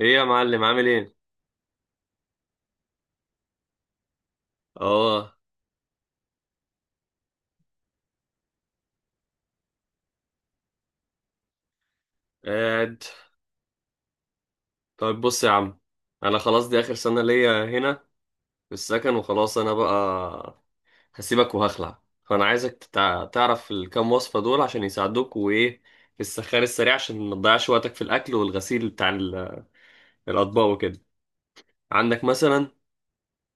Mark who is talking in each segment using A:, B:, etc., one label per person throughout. A: ايه يا معلم، عامل ايه؟ اه، قاعد. طيب بص يا عم، انا خلاص دي اخر سنة ليا هنا في السكن، وخلاص انا بقى هسيبك وهخلع، فانا عايزك تعرف الكام وصفة دول عشان يساعدوك، وايه في السخان السريع عشان ما تضيعش وقتك في الاكل والغسيل بتاع الاطباق وكده. عندك مثلا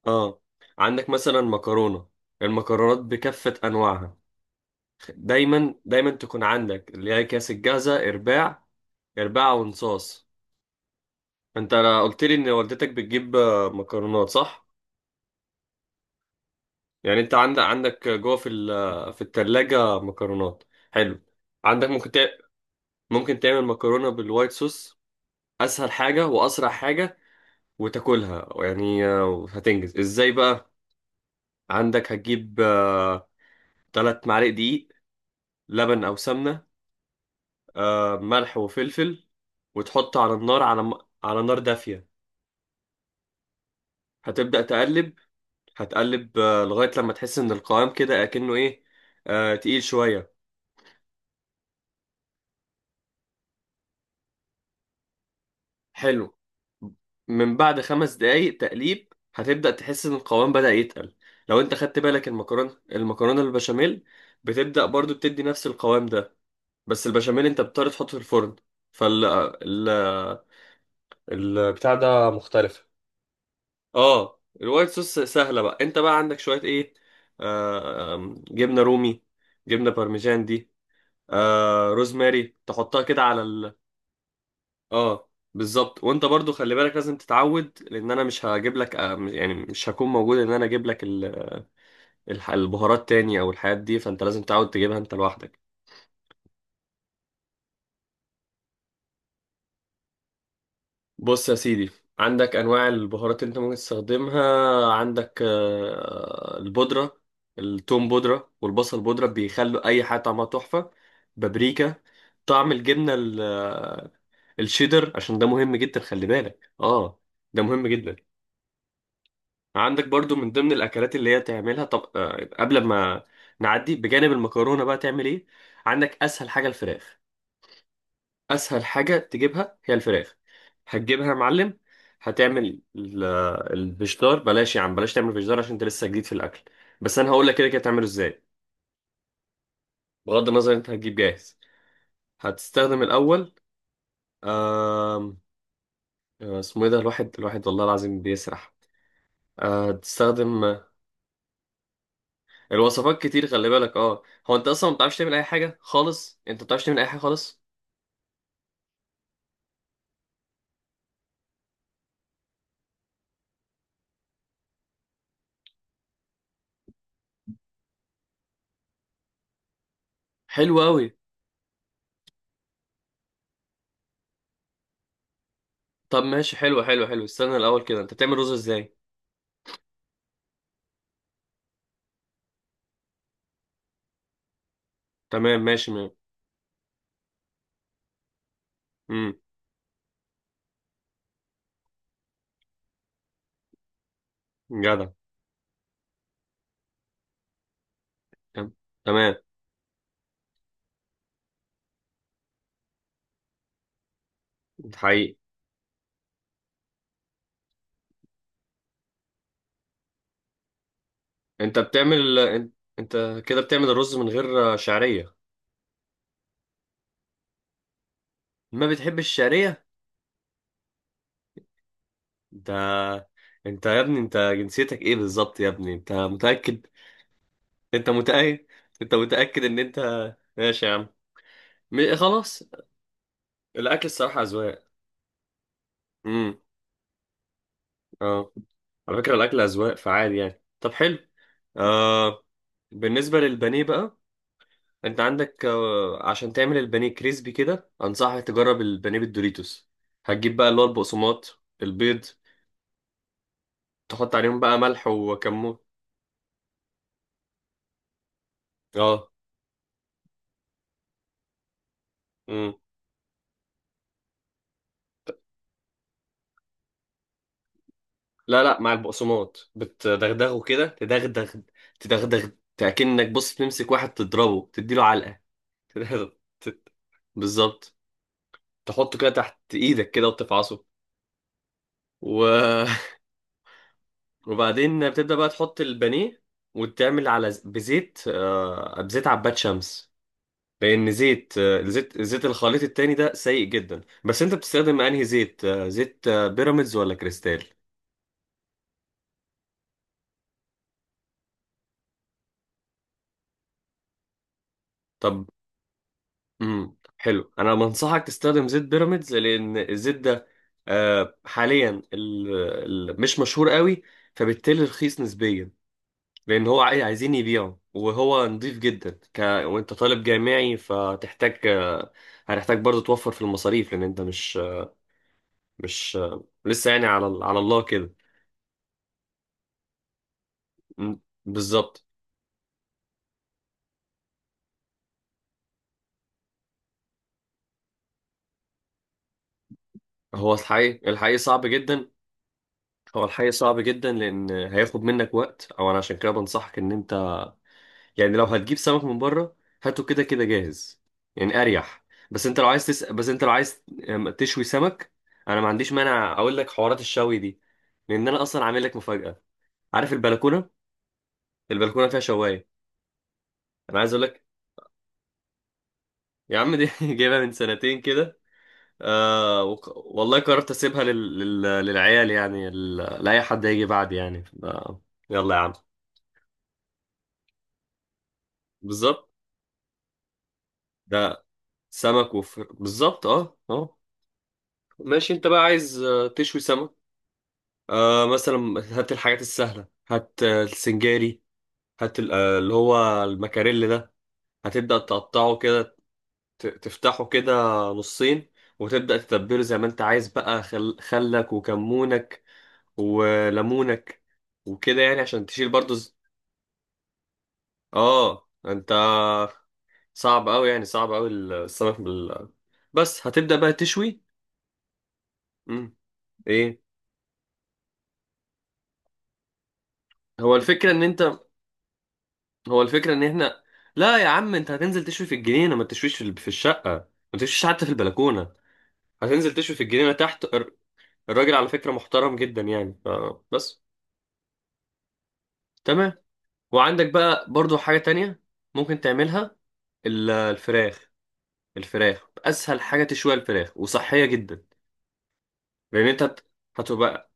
A: اه، عندك مثلا مكرونة. المكرونات بكافة انواعها دايما تكون عندك، اللي هي كاس الجاهزة، ارباع ونصاص. انت قلت لي ان والدتك بتجيب مكرونات، صح؟ يعني انت عندك جوه في في التلاجة مكرونات، حلو. عندك ممكن ممكن تعمل مكرونة بالوايت صوص، اسهل حاجة واسرع حاجة، وتاكلها. يعني هتنجز ازاي بقى؟ عندك هتجيب تلات معالق دقيق، لبن او سمنة، ملح وفلفل، وتحط على النار على على نار دافية. هتبدأ تقلب، هتقلب لغاية لما تحس ان القوام كده اكنه ايه، آه، تقيل شوية. حلو. من بعد خمس دقايق تقليب هتبدأ تحس ان القوام بدأ يتقل. لو انت خدت بالك، المكرونة البشاميل بتبدأ برضو بتدي نفس القوام ده، بس البشاميل انت بتضطر تحطه في الفرن. فال آه، ال... البتاع ده مختلف. اه، الوايت صوص سهلة بقى. انت بقى عندك شوية ايه، آه... آم، جبنة رومي، جبنة بارميجان دي، آه، روزماري تحطها كده على ال... اه بالظبط. وانت برضو خلي بالك لازم تتعود، لان انا مش هجيب لك يعني مش هكون موجود ان انا اجيب لك البهارات تاني او الحاجات دي، فانت لازم تتعود تجيبها انت لوحدك. بص يا سيدي، عندك انواع البهارات اللي انت ممكن تستخدمها. عندك آه، البودرة، التوم بودرة والبصل بودرة، بيخلوا اي حاجة طعمها تحفة. بابريكا. طعم الجبنة الشيدر، عشان ده مهم جدا، خلي بالك، اه، ده مهم جدا. عندك برضو من ضمن الاكلات اللي هي تعملها، طب قبل ما نعدي بجانب المكرونه بقى تعمل ايه؟ عندك اسهل حاجه الفراخ، اسهل حاجه تجيبها هي الفراخ. هتجيبها يا معلم. هتعمل الفشدار؟ بلاش يا عم، بلاش تعمل فشدار عشان انت لسه جديد في الاكل، بس انا هقول لك كده كده تعمله ازاي. بغض النظر انت هتجيب جاهز. هتستخدم الاول آم، آه، اسمه ايه ده، الواحد والله العظيم بيسرح. هتستخدم... الوصفات كتير، خلي بالك، اه. هو انت اصلا ما بتعرفش تعمل اي حاجه خالص، انت ما بتعرفش تعمل اي حاجه خالص. حلو قوي. طب ماشي، حلو حلو حلو، استنى الاول كده، انت بتعمل رز ازاي؟ تمام، ماشي. امم جدع. تم- تمام. انت حقيقي. انت بتعمل انت كده بتعمل الرز من غير شعريه؟ ما بتحبش الشعريه؟ ده انت يا ابني، انت جنسيتك ايه بالظبط يا ابني، انت متاكد؟ انت متاكد، انت متاكد ان انت. ماشي يا عم. خلاص، الاكل الصراحه اذواق. اه، على فكرة الأكل أذواق فعال، يعني طب حلو. آه، بالنسبة للبانيه بقى، أنت عندك آه، عشان تعمل البانيه كريسبي كده، أنصحك تجرب البانيه بالدوريتوس. هتجيب بقى اللي هو البقسماط البيض، تحط عليهم بقى ملح وكمون. اه. مم. لا لا، مع البقسماط بتدغدغه كده، تدغدغ. تدغدغ كأنك بص تمسك واحد تضربه تديله علقة. تدغدغ. تت- بالظبط. تحطه كده تحت إيدك كده وتفعصه، و وبعدين بتبدأ بقى تحط البانيه، وتعمل على بزيت بزيت عباد شمس، لأن زيت آه، زيت الخليط التاني ده سيء جدا. بس أنت بتستخدم أنهي زيت، زيت بيراميدز ولا كريستال؟ طب امم، حلو، أنا بنصحك تستخدم زيت بيراميدز، لأن الزيت ده حاليا مش مشهور قوي، فبالتالي رخيص نسبيا، لان هو عايزين يبيعه، وهو نضيف جدا وانت طالب جامعي فتحتاج هتحتاج برضه توفر في المصاريف، لان انت مش مش لسه يعني على على الله كده. م- بالظبط. هو الحقيقي، الحقيقي صعب جدا. هو الحقيقي صعب جدا، لان هياخد منك وقت. او انا عشان كده بنصحك ان انت يعني لو هتجيب سمك من بره هاته كده كده جاهز، يعني اريح. بس انت لو عايز بس انت لو عايز تشوي سمك، انا ما عنديش مانع، اقول لك حوارات الشوي دي، لان انا اصلا عامل لك مفاجأة. عارف البلكونه؟ البلكونه فيها شوايه. انا عايز اقول لك يا عم دي جايبها من سنتين كده. والله قررت اسيبها للعيال، يعني لاي حد هيجي بعد، يعني آه. يلا يا عم. بالظبط. ده سمك وفر، بالظبط، اه اه. ماشي، انت بقى عايز تشوي سمك، آه، مثلا هات الحاجات السهله، هات السنجاري، هات اللي هو المكاريل ده. هتبدأ تقطعه كده، تفتحه كده نصين، وتبدأ تتبله زي ما انت عايز بقى، خلك وكمونك وليمونك وكده، يعني عشان تشيل برضو اه انت. صعب قوي يعني، صعب قوي السمك بس هتبدأ بقى تشوي. مم. ايه؟ هو الفكرة ان انت... هو الفكرة ان احنا... لا يا عم، انت هتنزل تشوي في الجنينة، ما تشويش في في الشقة، ما تشويش حتى في البلكونة. هتنزل تشوي في الجنينة تحت الراجل على فكرة محترم جدا، يعني بس. تمام. وعندك بقى برضو حاجة تانية ممكن تعملها، الفراخ. الفراخ أسهل حاجة تشويها، الفراخ وصحية جدا. لأن أنت هتبقى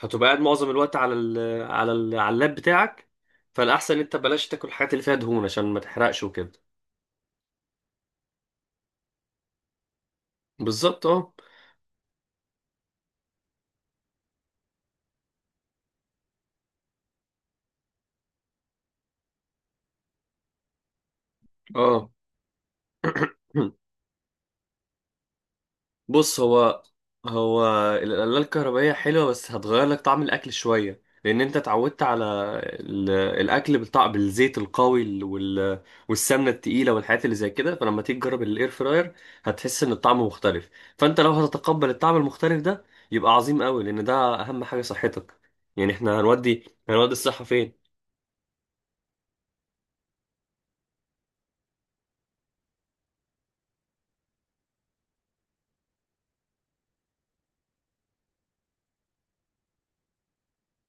A: هتبقى قاعد معظم الوقت على ال على ال على اللاب بتاعك، فالأحسن أنت بلاش تاكل الحاجات اللي فيها دهون عشان ما تحرقش وكده. بالظبط، اه اه. بص، هو القلاية الكهربائية حلوة، بس هتغير لك طعم الأكل شوية، لأن أنت اتعودت على الأكل بالطعم بالزيت القوي، والسمنة التقيلة والحاجات اللي زي كده. فلما تيجي تجرب الإير فراير هتحس إن الطعم مختلف، فأنت لو هتتقبل الطعم المختلف ده يبقى عظيم قوي، لأن ده أهم حاجة، صحتك. يعني إحنا هنودي الصحة فين؟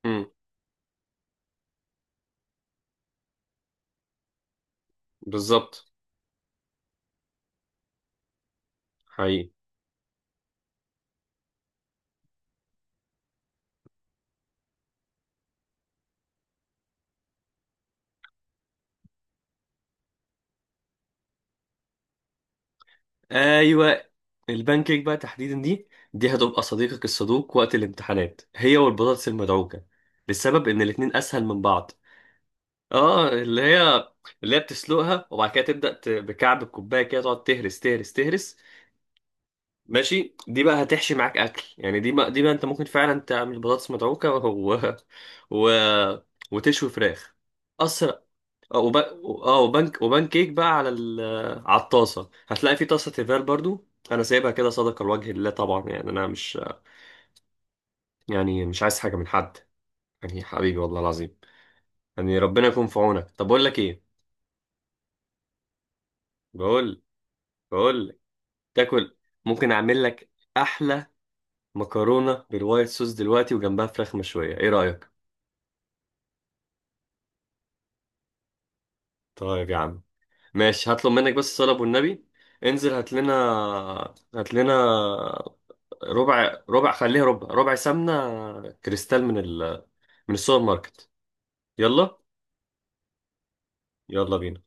A: امم، بالظبط، حقيقي، ايوه. البانكيك بقى تحديدا دي، دي هتبقى صديقك الصدوق وقت الامتحانات، هي والبطاطس المدعوكه، للسبب ان الاتنين اسهل من بعض. اه اللي هي، اللي هي بتسلقها وبعد كده تبدا بكعب الكوبايه كده، تقعد تهرس تهرس تهرس. ماشي، دي بقى هتحشي معاك اكل، يعني دي بقى، دي بقى انت ممكن فعلا تعمل بطاطس مدعوكه و... وتشوي فراخ، اسرع. اه وبنك وبان كيك بقى على على الطاسه، هتلاقي في طاسه تيفال برضو، انا سايبها كده صدقه لوجه الله طبعا. يعني انا مش، يعني مش عايز حاجه من حد، يعني حبيبي والله العظيم، يعني ربنا يكون في عونك. طب بقول لك ايه، بقول بقول لك، تاكل. ممكن اعمل لك احلى مكرونه بالوايت صوص دلوقتي، وجنبها فراخ مشويه، ايه رايك؟ طيب يا عم، ماشي، هطلب منك بس الصلاه والنبي، انزل هات لنا، هات لنا ربع خليها ربع ربع سمنة كريستال من من السوبر ماركت. يلا، يلا بينا.